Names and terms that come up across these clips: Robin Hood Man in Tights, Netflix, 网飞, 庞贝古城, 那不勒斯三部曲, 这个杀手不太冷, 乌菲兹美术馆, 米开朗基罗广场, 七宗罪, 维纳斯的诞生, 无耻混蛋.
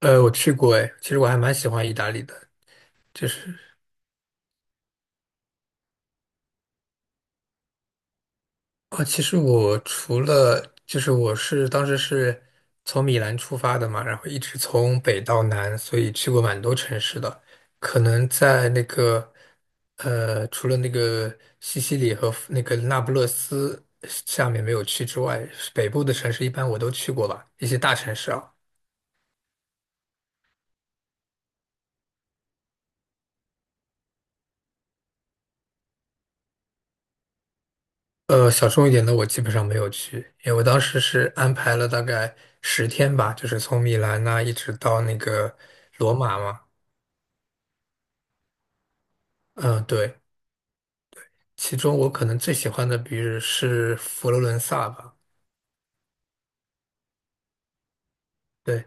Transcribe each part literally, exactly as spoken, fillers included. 呃，我去过哎，其实我还蛮喜欢意大利的，就是啊，其实我除了就是我是当时是从米兰出发的嘛，然后一直从北到南，所以去过蛮多城市的。可能在那个呃，除了那个西西里和那个那不勒斯下面没有去之外，北部的城市一般我都去过吧，一些大城市啊。呃，小众一点的我基本上没有去，因为我当时是安排了大概十天吧，就是从米兰呐、一直到那个罗马嘛。嗯，对，其中我可能最喜欢的，比如是佛罗伦萨吧。对，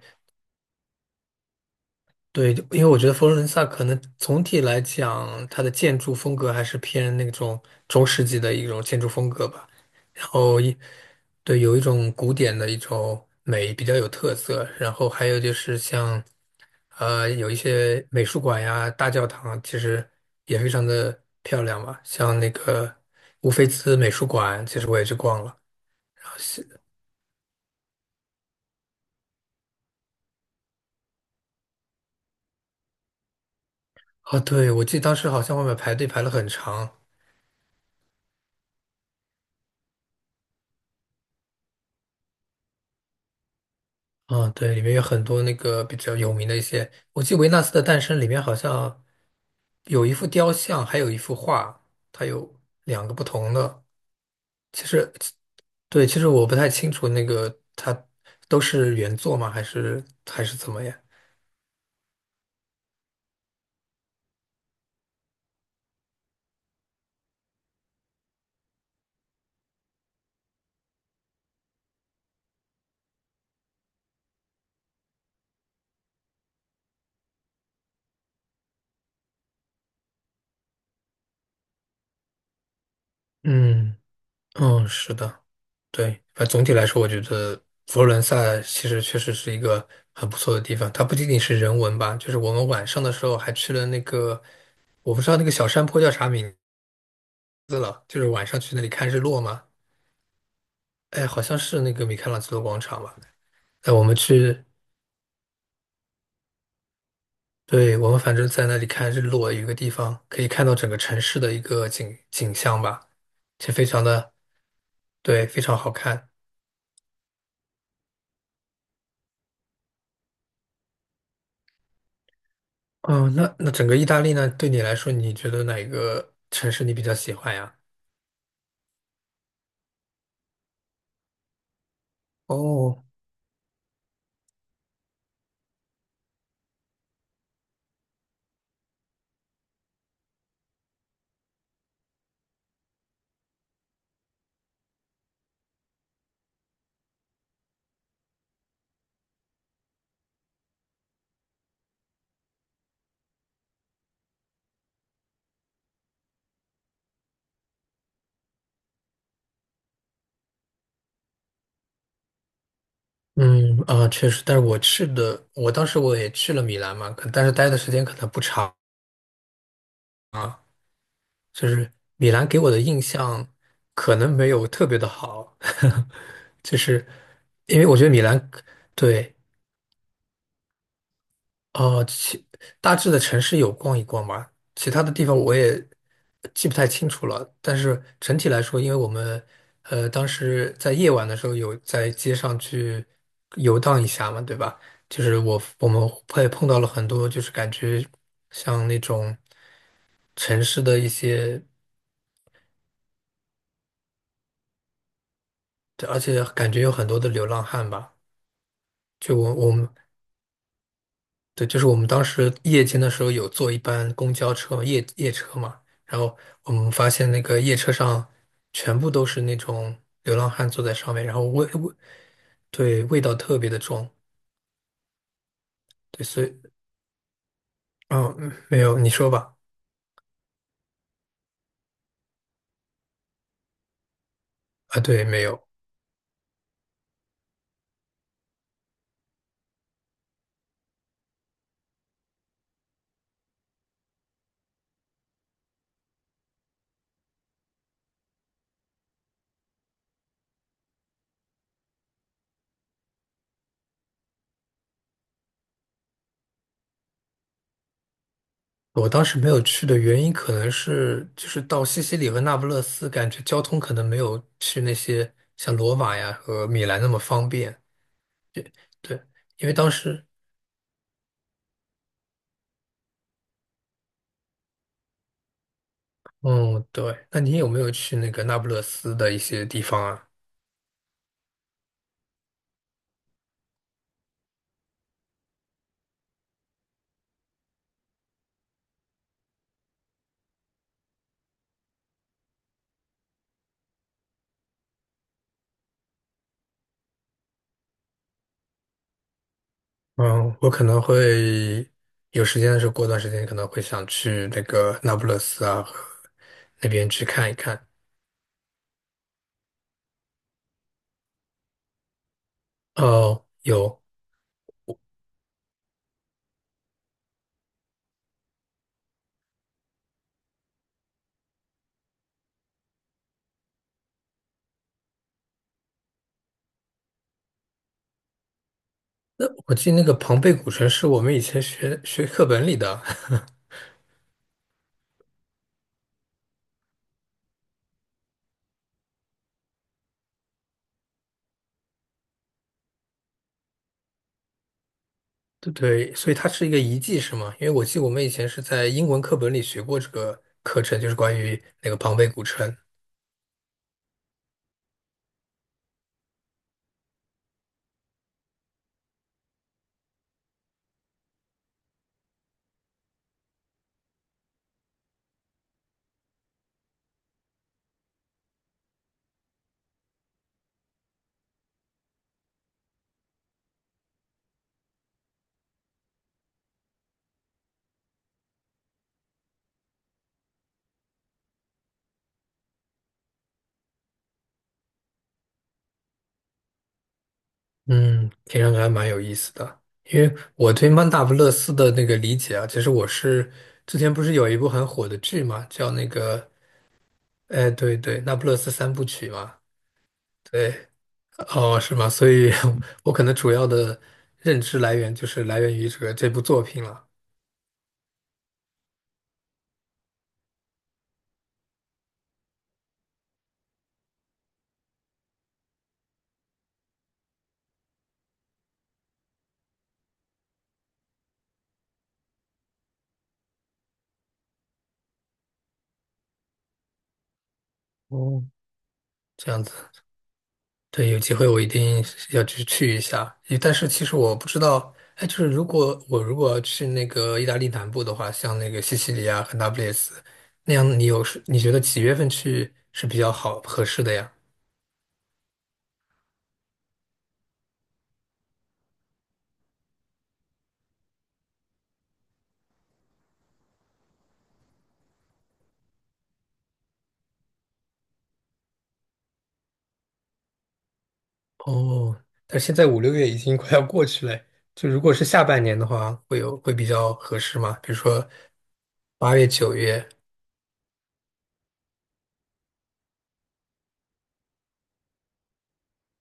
对，因为我觉得佛罗伦萨可能总体来讲，它的建筑风格还是偏那种中世纪的一种建筑风格吧。然后一，对，有一种古典的一种美，比较有特色。然后还有就是像，呃，有一些美术馆呀、大教堂，其实也非常的漂亮嘛。像那个乌菲兹美术馆，其实我也去逛了。哦，对，我记得当时好像外面排队排了很长。嗯，对，里面有很多那个比较有名的一些，我记得《维纳斯的诞生》里面好像有一幅雕像，还有一幅画，它有两个不同的。其实，对，其实我不太清楚那个它都是原作吗？还是还是怎么样？嗯嗯，是的，对，反正总体来说，我觉得佛罗伦萨其实确实是一个很不错的地方。它不仅仅是人文吧，就是我们晚上的时候还去了那个，我不知道那个小山坡叫啥名斯了，就是晚上去那里看日落嘛。哎，好像是那个米开朗基罗广场吧？哎，我们去，对，我们反正在那里看日落，有一个地方可以看到整个城市的一个景景象吧，这非常的，对，非常好看。嗯，那那整个意大利呢，对你来说，你觉得哪一个城市你比较喜欢呀？哦，嗯啊，确实，但是我去的，我当时我也去了米兰嘛，可但是待的时间可能不长。就是米兰给我的印象可能没有特别的好，就是因为我觉得米兰对哦，其大致的城市有逛一逛吧，其他的地方我也记不太清楚了。但是整体来说，因为我们呃当时在夜晚的时候有在街上去游荡一下嘛，对吧？就是我我们会碰到了很多，就是感觉像那种城市的一些。对，而且感觉有很多的流浪汉吧。就我我们对，就是我们当时夜间的时候有坐一班公交车嘛，夜夜车嘛，然后我们发现那个夜车上全部都是那种流浪汉坐在上面，然后味味对味道特别的重。对，所以嗯，嗯没有，你说吧。啊，对，没有。我当时没有去的原因可能是，就是到西西里和那不勒斯，感觉交通可能没有去那些像罗马呀和米兰那么方便。对，因为当时，嗯，对，那你有没有去那个那不勒斯的一些地方啊？嗯，我可能会有时间的时候，过段时间可能会想去那个那不勒斯啊，和那边去看一看。哦，有，那我记得那个庞贝古城是我们以前学学课本里的，对对，所以它是一个遗迹是吗？因为我记得我们以前是在英文课本里学过这个课程，就是关于那个庞贝古城。嗯，听上去还蛮有意思的。因为我对曼达布勒斯的那个理解啊，其实我是之前不是有一部很火的剧嘛，叫那个，哎，对对，那不勒斯三部曲嘛，对，哦，是吗？所以 我可能主要的认知来源就是来源于这个这部作品了，哦，这样子。对，有机会我一定是要去去一下。诶但是其实我不知道，哎，就是如果我如果去那个意大利南部的话，像那个西西里啊和那不勒斯那样，你有是你觉得几月份去是比较好合适的呀？哦，但是现在五六月已经快要过去了，就如果是下半年的话，会有会比较合适吗？比如说八月、九月，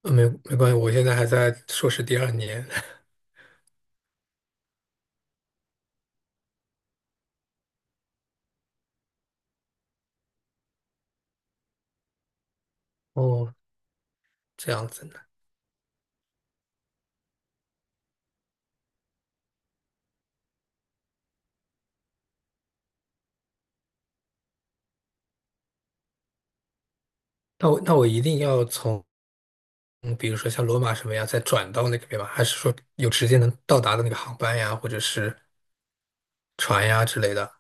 呃没没关系，我现在还在硕士第二年。哦，这样子呢，那我那我一定要从。嗯，比如说像罗马什么呀，再转到那个边吗？还是说有直接能到达的那个航班呀，或者是船呀之类的？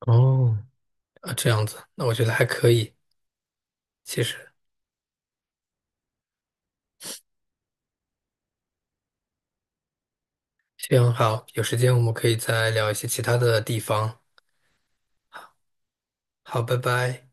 哦，啊，这样子，那我觉得还可以，其实，行好，有时间我们可以再聊一些其他的地方。好，拜拜。